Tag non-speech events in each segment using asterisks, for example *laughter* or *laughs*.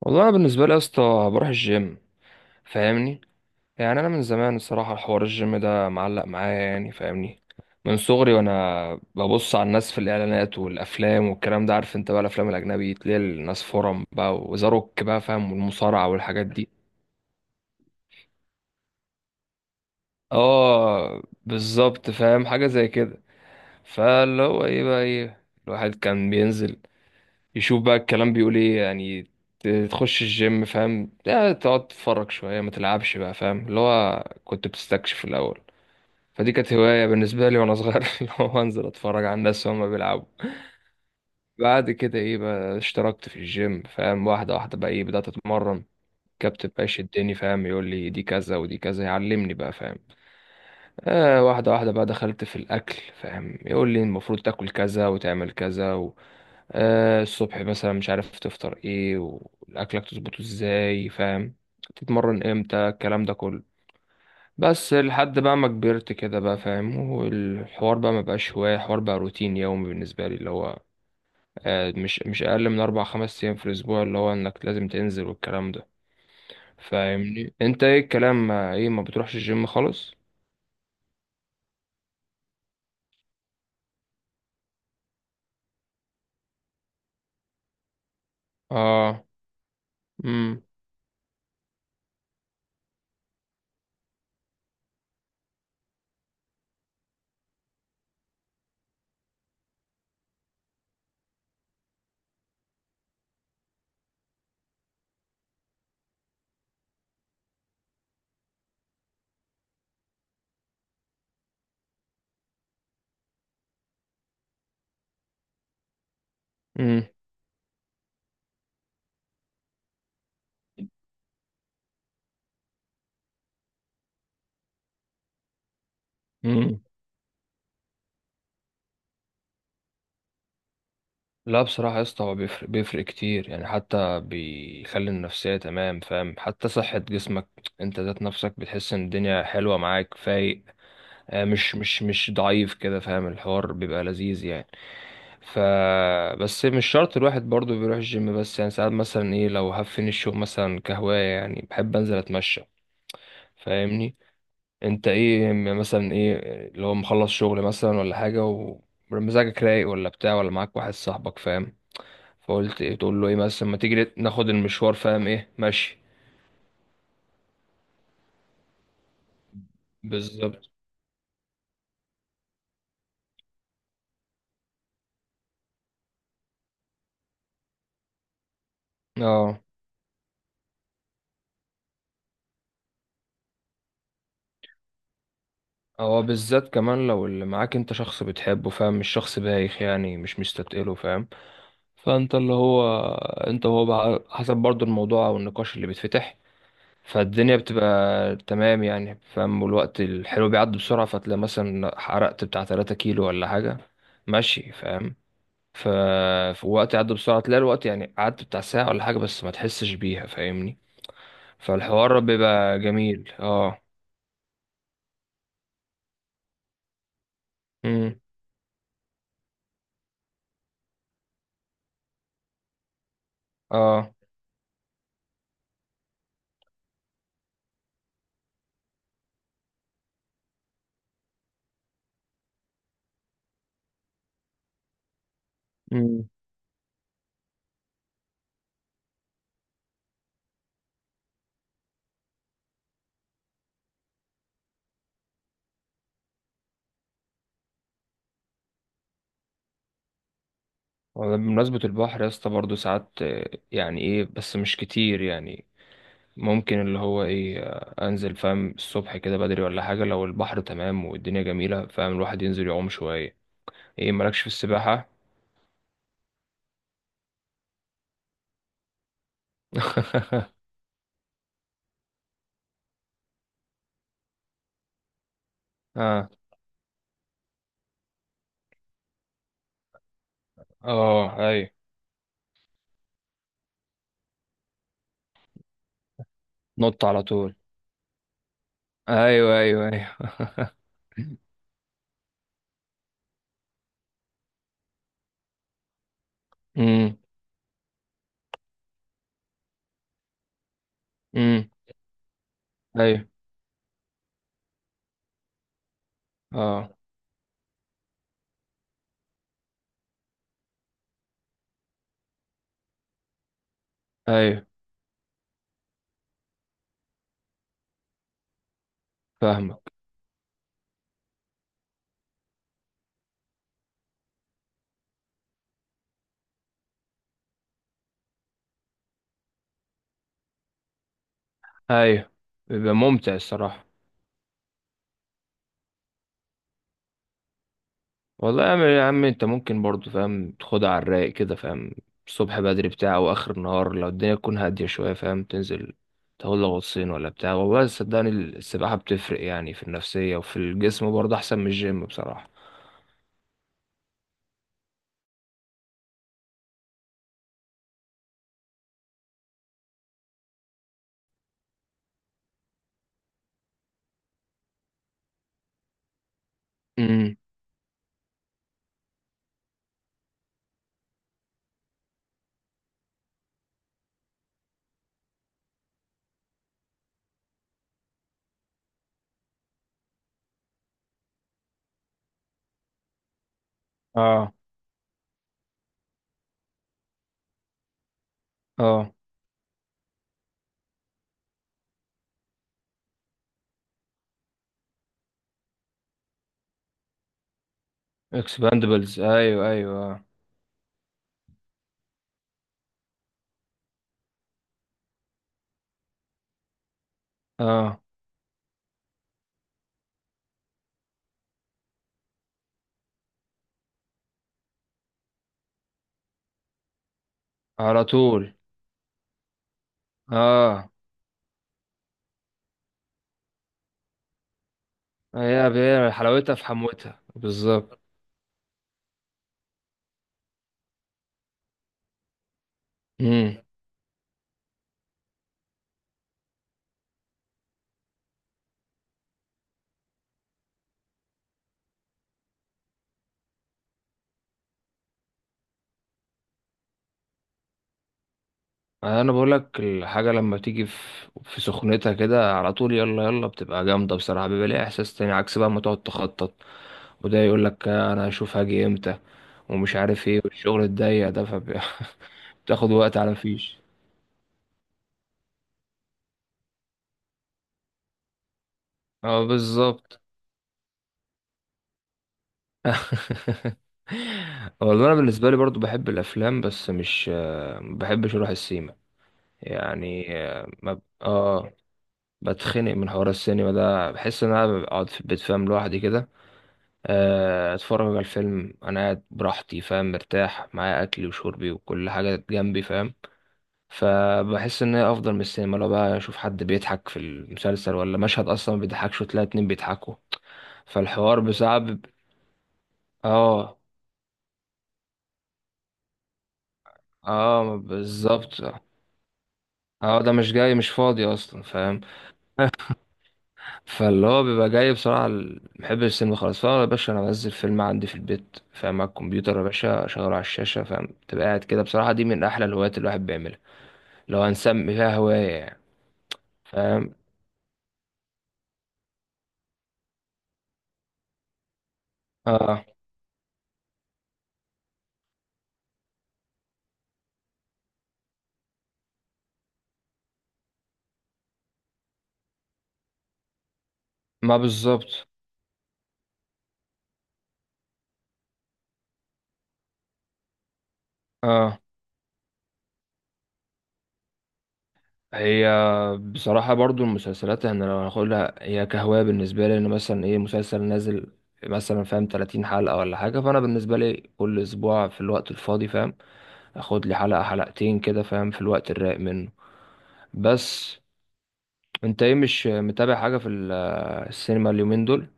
والله أنا بالنسبه لي يا اسطى، بروح الجيم. فاهمني؟ يعني انا من زمان الصراحه حوار الجيم ده معلق معايا يعني. فاهمني؟ من صغري وانا ببص على الناس في الاعلانات والافلام والكلام ده. عارف انت بقى الافلام الاجنبي تلاقي الناس فورم بقى وزاروك بقى، فاهم؟ والمصارعه والحاجات دي. اه بالظبط، فاهم؟ حاجه زي كده. فاللي هو ايه بقى، ايه الواحد كان بينزل يشوف بقى الكلام بيقول ايه يعني. تخش الجيم، فاهم؟ لا تقعد تتفرج شوية ما تلعبش بقى، فاهم؟ اللي هو كنت بتستكشف الأول. فدي كانت هواية بالنسبة لي وأنا صغير *laughs* اللي هو أنزل أتفرج على الناس وهما بيلعبوا. بعد كده إيه بقى، اشتركت في الجيم، فاهم؟ واحدة واحدة بقى، إيه بدأت أتمرن. الكابتن بقى يشدني، فاهم؟ يقول لي دي كذا ودي كذا، يعلمني بقى، فاهم؟ آه، واحدة واحدة بقى دخلت في الأكل، فاهم؟ يقول لي المفروض تاكل كذا وتعمل كذا. آه، الصبح مثلا مش عارف تفطر ايه، واكلك تظبطه ازاي، فاهم؟ تتمرن امتى، الكلام ده كله. بس لحد بقى ما كبرت كده بقى، فاهم؟ والحوار بقى ما بقاش هواية، حوار بقى روتين يومي بالنسبة لي. اللي هو آه مش اقل من اربع خمس ايام في الاسبوع، اللي هو انك لازم تنزل والكلام ده. فاهمني؟ انت ايه الكلام، ما ايه، ما بتروحش الجيم خالص؟ اه. امم. امم. لا بصراحة يا اسطى هو بيفرق بيفرق كتير يعني، حتى بيخلي النفسية تمام، فاهم؟ حتى صحة جسمك، انت ذات نفسك بتحس ان الدنيا حلوة معاك، فايق. مش ضعيف كده، فاهم؟ الحوار بيبقى لذيذ يعني. ف بس مش شرط الواحد برضو بيروح الجيم بس، يعني ساعات مثلا ايه لو هفني الشغل، مثلا كهواية يعني بحب انزل اتمشى. فاهمني؟ انت ايه، مثلا ايه لو مخلص شغل مثلا ولا حاجة، ومزاجك رايق ولا بتاع، ولا معاك واحد صاحبك، فاهم؟ فقلت ايه، تقول له ايه مثلا، ما تيجي ناخد المشوار، فاهم؟ ايه ماشي. بالظبط. اه. هو بالذات كمان لو اللي معاك انت شخص بتحبه، فاهم؟ مش شخص بايخ يعني، مش مستتقله، فاهم؟ فانت اللي هو انت وهو بقى، حسب برضو الموضوع او النقاش اللي بيتفتح. فالدنيا بتبقى تمام يعني، فاهم؟ والوقت الحلو بيعدي بسرعة، فتلاقي مثلا حرقت بتاع 3 كيلو ولا حاجة، ماشي، فاهم؟ ف في وقت عدى بسرعة، تلاقي الوقت يعني قعدت بتاع ساعة ولا حاجة بس ما تحسش بيها. فاهمني؟ فالحوار بيبقى جميل. اه. امم. اه. امم. والله بمناسبة البحر يا اسطى برضه ساعات يعني ايه بس مش كتير يعني. ممكن اللي هو ايه انزل، فاهم؟ الصبح كده بدري ولا حاجة، لو البحر تمام والدنيا جميلة، فاهم؟ الواحد ينزل يعوم شوية. ايه مالكش في السباحة؟ *laughs* اه. اه. ايوه. نط على طول. ايوه، ايوه، ايوه. *laughs* امم. امم. ايوه. اه. ايوه. فاهمك. ايوه، بيبقى ممتع الصراحة. والله يا عم، يا عم انت ممكن برضو، فاهم؟ تاخدها على الرايق كده، فاهم؟ الصبح بدري بتاع او اخر النهار، لو الدنيا تكون هاديه شويه، فاهم؟ تنزل تاخد لك غطسين ولا بتاع. والله صدقني السباحه بتفرق يعني، في النفسيه وفي الجسم برضه، احسن من الجيم بصراحه. امم. اه. اه. اكسباندبلز، ايوه، ايوه. اه. على طول. اه. هي هي حلاوتها في حموتها بالظبط. مم. انا بقول لك، الحاجه لما تيجي في سخنتها كده على طول، يلا يلا بتبقى جامده بصراحه، بيبقى ليها احساس تاني، عكس بقى ما تقعد تخطط. وده يقول لك انا هشوف هاجي امتى، ومش عارف ايه، والشغل الضيق ده. *laughs* بتاخد وقت على مفيش. اه بالظبط. *laughs* والله انا بالنسبه لي برضو بحب الافلام، بس مش ما بحبش اروح السينما يعني. بتخنق من حوار السينما ده، بحس ان انا بقعد في البيت، فاهم؟ لوحدي كده، اتفرج على الفيلم انا قاعد براحتي، فاهم؟ مرتاح معايا اكلي وشربي وكل حاجه جنبي، فاهم؟ فبحس ان هي افضل من السينما. لو بقى اشوف حد بيضحك في المسلسل ولا مشهد اصلا ما بيضحكش، وتلاقي اتنين بيضحكوا، فالحوار بصعب. اه. اه بالظبط. اه ده مش جاي مش فاضي اصلا، فاهم؟ *laughs* فاللي هو بيبقى جاي بصراحة محب السينما خلاص. فأنا يا باشا، أنا بنزل فيلم عندي في البيت، فاهم؟ على الكمبيوتر يا باشا أشغله على الشاشة، فاهم؟ تبقى قاعد كده. بصراحة دي من أحلى الهوايات اللي الواحد بيعملها، لو هنسمي فيها هواية يعني. فاهم؟ اه ما بالظبط. اه هي. بصراحة برضو المسلسلات، احنا لو هناخدها هي كهواية، بالنسبة لي ان مثلا ايه مسلسل نازل مثلا، فاهم؟ 30 حلقة ولا حاجة. فانا بالنسبة لي كل اسبوع في الوقت الفاضي، فاهم؟ اخد لي حلقة حلقتين كده، فاهم؟ في الوقت الرايق منه. بس انت ايه مش متابع حاجة في السينما اليومين دول؟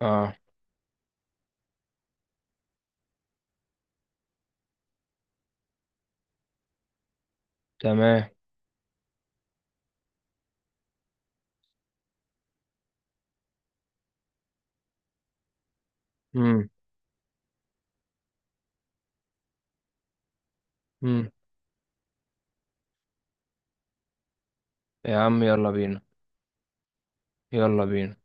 اه تمام. امم. امم. يا عم يلا بينا. يلا بينا.